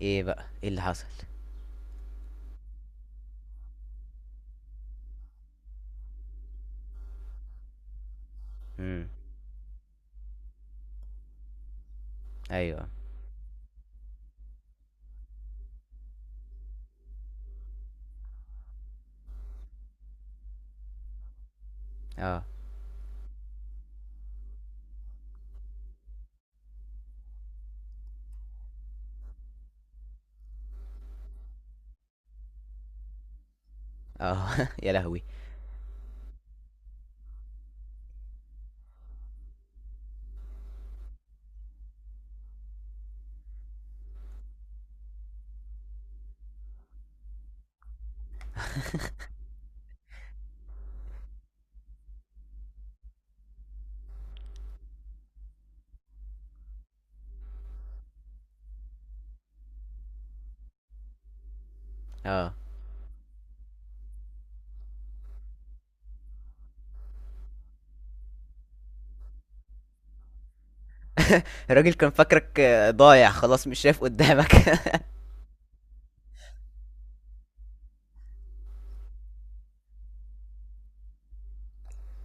ايه اللي حصل؟ امم ايوه. اه اه. يا لهوي. اه. الراجل كان فاكرك ضايع خلاص، مش شايف قدامك.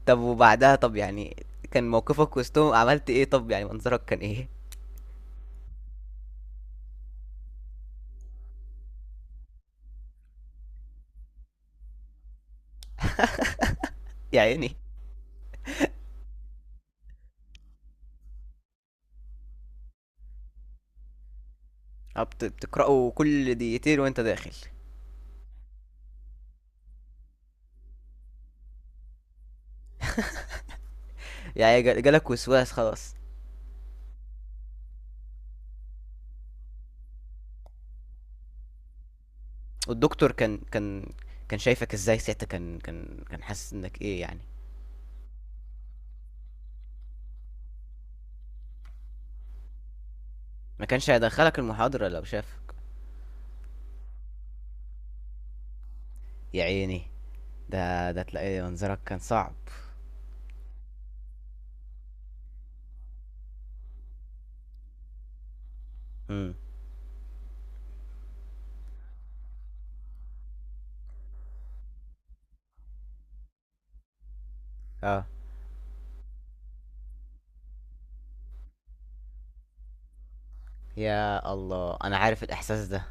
طب وبعدها، طب يعني كان موقفك وسطهم؟ عملت ايه؟ طب يعني منظرك كان ايه؟ يا عيني. بتقرأوا كل دقيقتين وانت داخل؟ يعني جالك وسواس خلاص. والدكتور كان شايفك ازاي ساعتها؟ كان حاسس انك ايه يعني؟ ما كانش هيدخلك المحاضرة لو شافك. يا عيني. ده تلاقي منظرك كان صعب. امم اه. يا الله انا عارف الاحساس ده.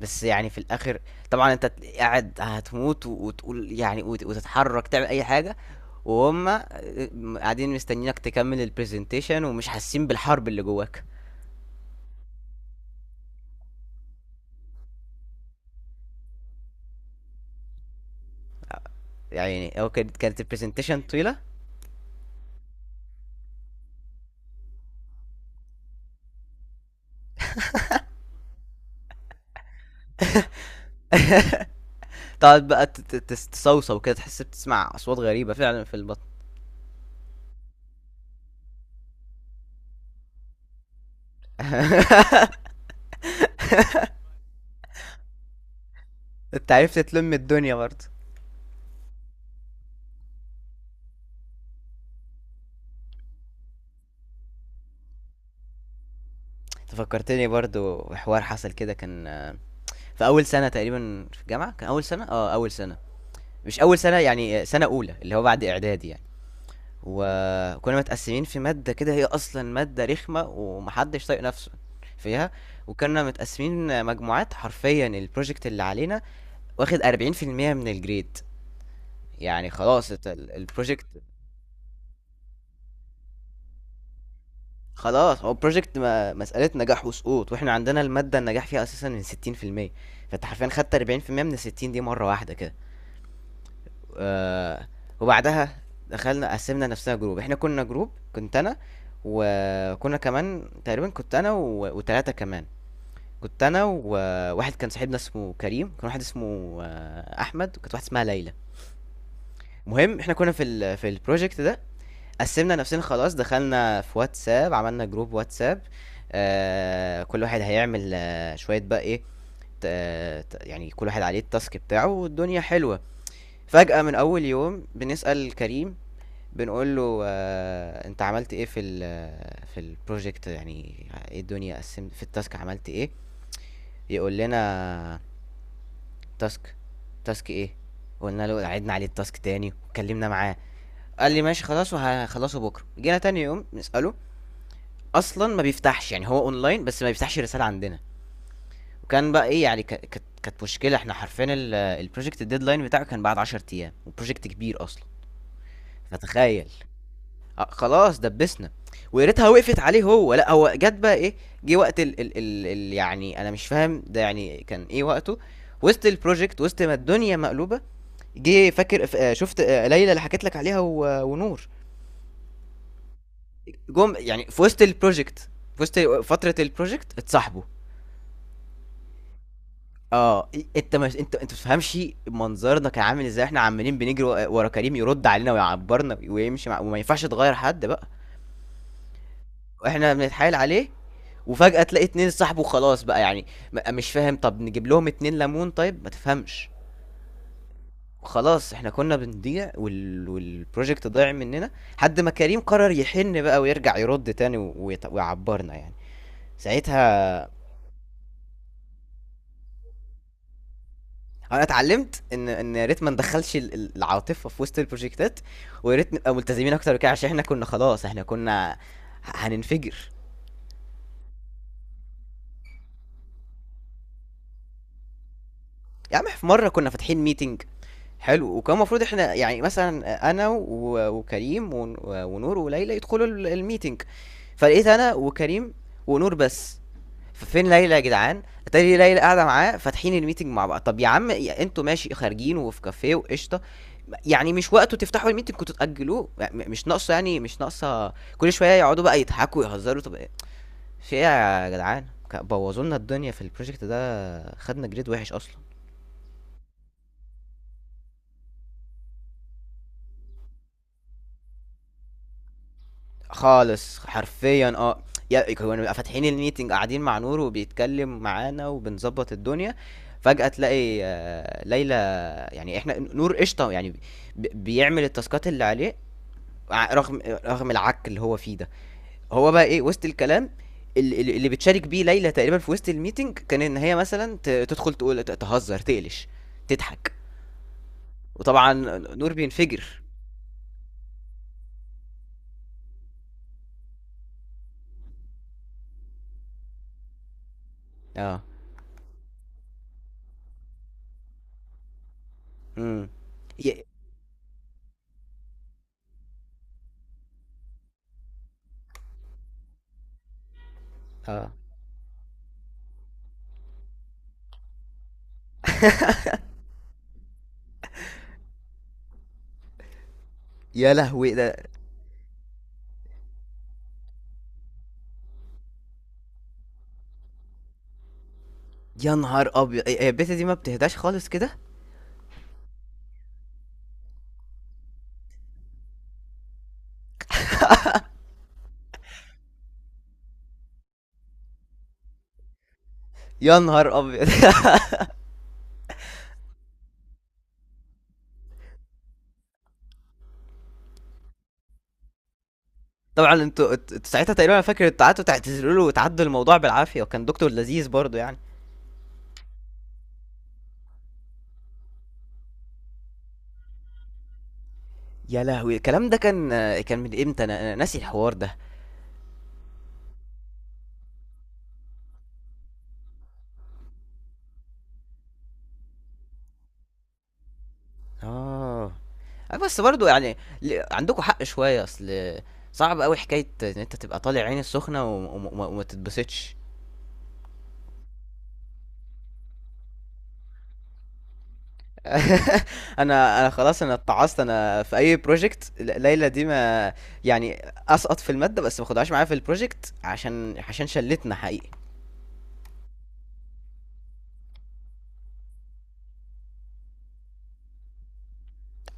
بس يعني في الاخر، طبعا انت قاعد هتموت وتقول يعني وتتحرك تعمل اي حاجه، وهم قاعدين مستنيينك تكمل البرزنتيشن ومش حاسين بالحرب اللي جواك. يعني هو كانت البرزنتيشن طويله؟ تقعد بقى تصوصو كده، تحس بتسمع اصوات غريبه فعلا في البطن. انت عرفت تلم الدنيا برضه. تفكرتني برضو بحوار حصل كده، كان في اول سنه تقريبا في الجامعه. كان اول سنه، اه اول سنه. مش اول سنه يعني، سنه اولى اللي هو بعد اعدادي يعني. وكنا متقسمين في ماده كده، هي اصلا ماده رخمه ومحدش طايق نفسه فيها. وكنا متقسمين مجموعات، حرفيا البروجكت اللي علينا واخد 40% من الجريد. يعني خلاص البروجكت خلاص. هو البروجكت مسألة نجاح وسقوط، واحنا عندنا المادة النجاح فيها اساسا من 60%. فانت حرفيا خدت 40% من 60 دي مرة واحدة كده. آه، وبعدها دخلنا، قسمنا نفسنا جروب. احنا كنا جروب، كنت انا، وكنا كمان تقريبا، كنت انا وتلاتة كمان. كنت انا وواحد كان صاحبنا اسمه كريم، كان واحد اسمه احمد، وكانت واحده اسمها ليلى. المهم احنا كنا في في البروجكت ده. قسمنا نفسنا خلاص، دخلنا في واتساب، عملنا جروب واتساب. آه كل واحد هيعمل آه شويه بقى ايه، يعني كل واحد عليه التاسك بتاعه والدنيا حلوه. فجأة من أول يوم بنسأل كريم، بنقول له انت عملت ايه في في البروجكت؟ يعني ايه الدنيا؟ قسمت في التاسك عملت ايه؟ يقول لنا تاسك. تاسك ايه؟ قلنا له، عدنا عليه التاسك تاني واتكلمنا معاه، قال لي ماشي خلاص وهخلصه بكره. جينا تاني يوم نساله، اصلا ما بيفتحش، يعني هو اونلاين بس ما بيفتحش الرساله عندنا. وكان بقى ايه يعني، كانت مشكله. احنا حرفيا البروجكت الديدلاين بتاعه كان بعد 10 ايام، وبروجكت كبير اصلا. فتخيل. خلاص دبسنا. ويا ريتها وقفت عليه، هو لا، هو جت بقى ايه. جه وقت ال يعني انا مش فاهم ده يعني كان ايه وقته. وسط البروجكت، وسط ما الدنيا مقلوبه، جه فاكر شفت ليلى اللي حكيت لك عليها، ونور جم يعني في وسط البروجكت، في وسط فتره البروجكت، اتصاحبوا. اه إيه، انت مش انت انت متفهمش منظرنا كان عامل ازاي. احنا عمالين بنجري ورا كريم يرد علينا ويعبرنا، ويمشي وما ينفعش تغير حد بقى. واحنا بنتحايل عليه، وفجأة تلاقي اتنين صاحبه خلاص بقى. يعني مش فاهم. طب نجيب لهم اتنين ليمون طيب، ما تفهمش. خلاص احنا كنا بنضيع، والبروجكت ضايع مننا، حد ما كريم قرر يحن بقى ويرجع يرد تاني ويعبرنا يعني ساعتها. انا اتعلمت ان يا ريت ما ندخلش العاطفه في وسط البروجكتات، ويا ريت نبقى ملتزمين اكتر كده، عشان احنا كنا خلاص، احنا كنا هننفجر. يا عم، في مره كنا فاتحين ميتنج، حلو، وكان المفروض إحنا يعني مثلًا أنا وكريم ونور وليلى يدخلوا الmeeting، فلقيت أنا وكريم ونور بس. ففين ليلى يا جدعان؟ أتاري ليلى قاعدة معاه فاتحين الmeeting مع بعض. طب يا عم، أنتم ماشي خارجين وفي كافيه وقشطة، يعني مش وقته تفتحوا الmeeting، كنتم تأجلوه. مش ناقصة، يعني مش ناقصة كل شوية يقعدوا بقى يضحكوا ويهزروا. طب إيه؟ في إيه يا جدعان؟ بوظوا لنا الدنيا في الproject ده، خدنا grade وحش أصلًا. خالص حرفيا اه. يا كانوا بيبقى فاتحين الميتنج قاعدين مع نور وبيتكلم معانا وبنظبط الدنيا، فجأة تلاقي ليلى. يعني احنا نور قشطة يعني، بيعمل التاسكات اللي عليه رغم العك اللي هو فيه ده. هو بقى ايه وسط الكلام، اللي بتشارك بيه ليلى تقريبا في وسط الميتنج، كان ان هي مثلا تدخل تقول، تهزر تقلش، تضحك، وطبعا نور بينفجر. اه. امم ي- اه. يا لهوي ده. يا نهار ابيض، هي البيتا دي ما بتهداش خالص كده. يا نهار ابيض. طبعا انتوا ساعتها تقريبا، انا فاكر انتوا قعدتوا تعتذروا له وتعدوا الموضوع بالعافيه، وكان دكتور لذيذ برضه يعني. يا لهوي الكلام ده كان، كان من امتى؟ انا ناسي الحوار ده. اه. بس برضه يعني، عندكم حق شويه. اصل صعب قوي حكايه ان انت تبقى طالع عين السخنه وما تتبسطش. انا خلاص اتعصت. انا في اي بروجكت ليلى دي ما، يعني اسقط في الماده بس ما خدهاش معايا في البروجكت، عشان شلتنا حقيقي.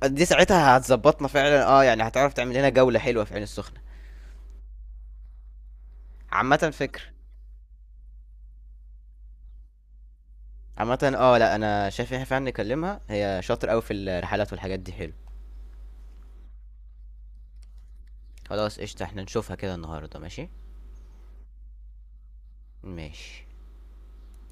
دي ساعتها هتظبطنا فعلا. اه، يعني هتعرف تعمل لنا جوله حلوه في عين السخنه. عامه فكر. عامه اه، لا، انا شايف ان احنا فعلا نكلمها، هي شاطر قوي في الرحلات والحاجات دي، حلو. خلاص قشطه، احنا نشوفها كده النهارده. ماشي. ماشي.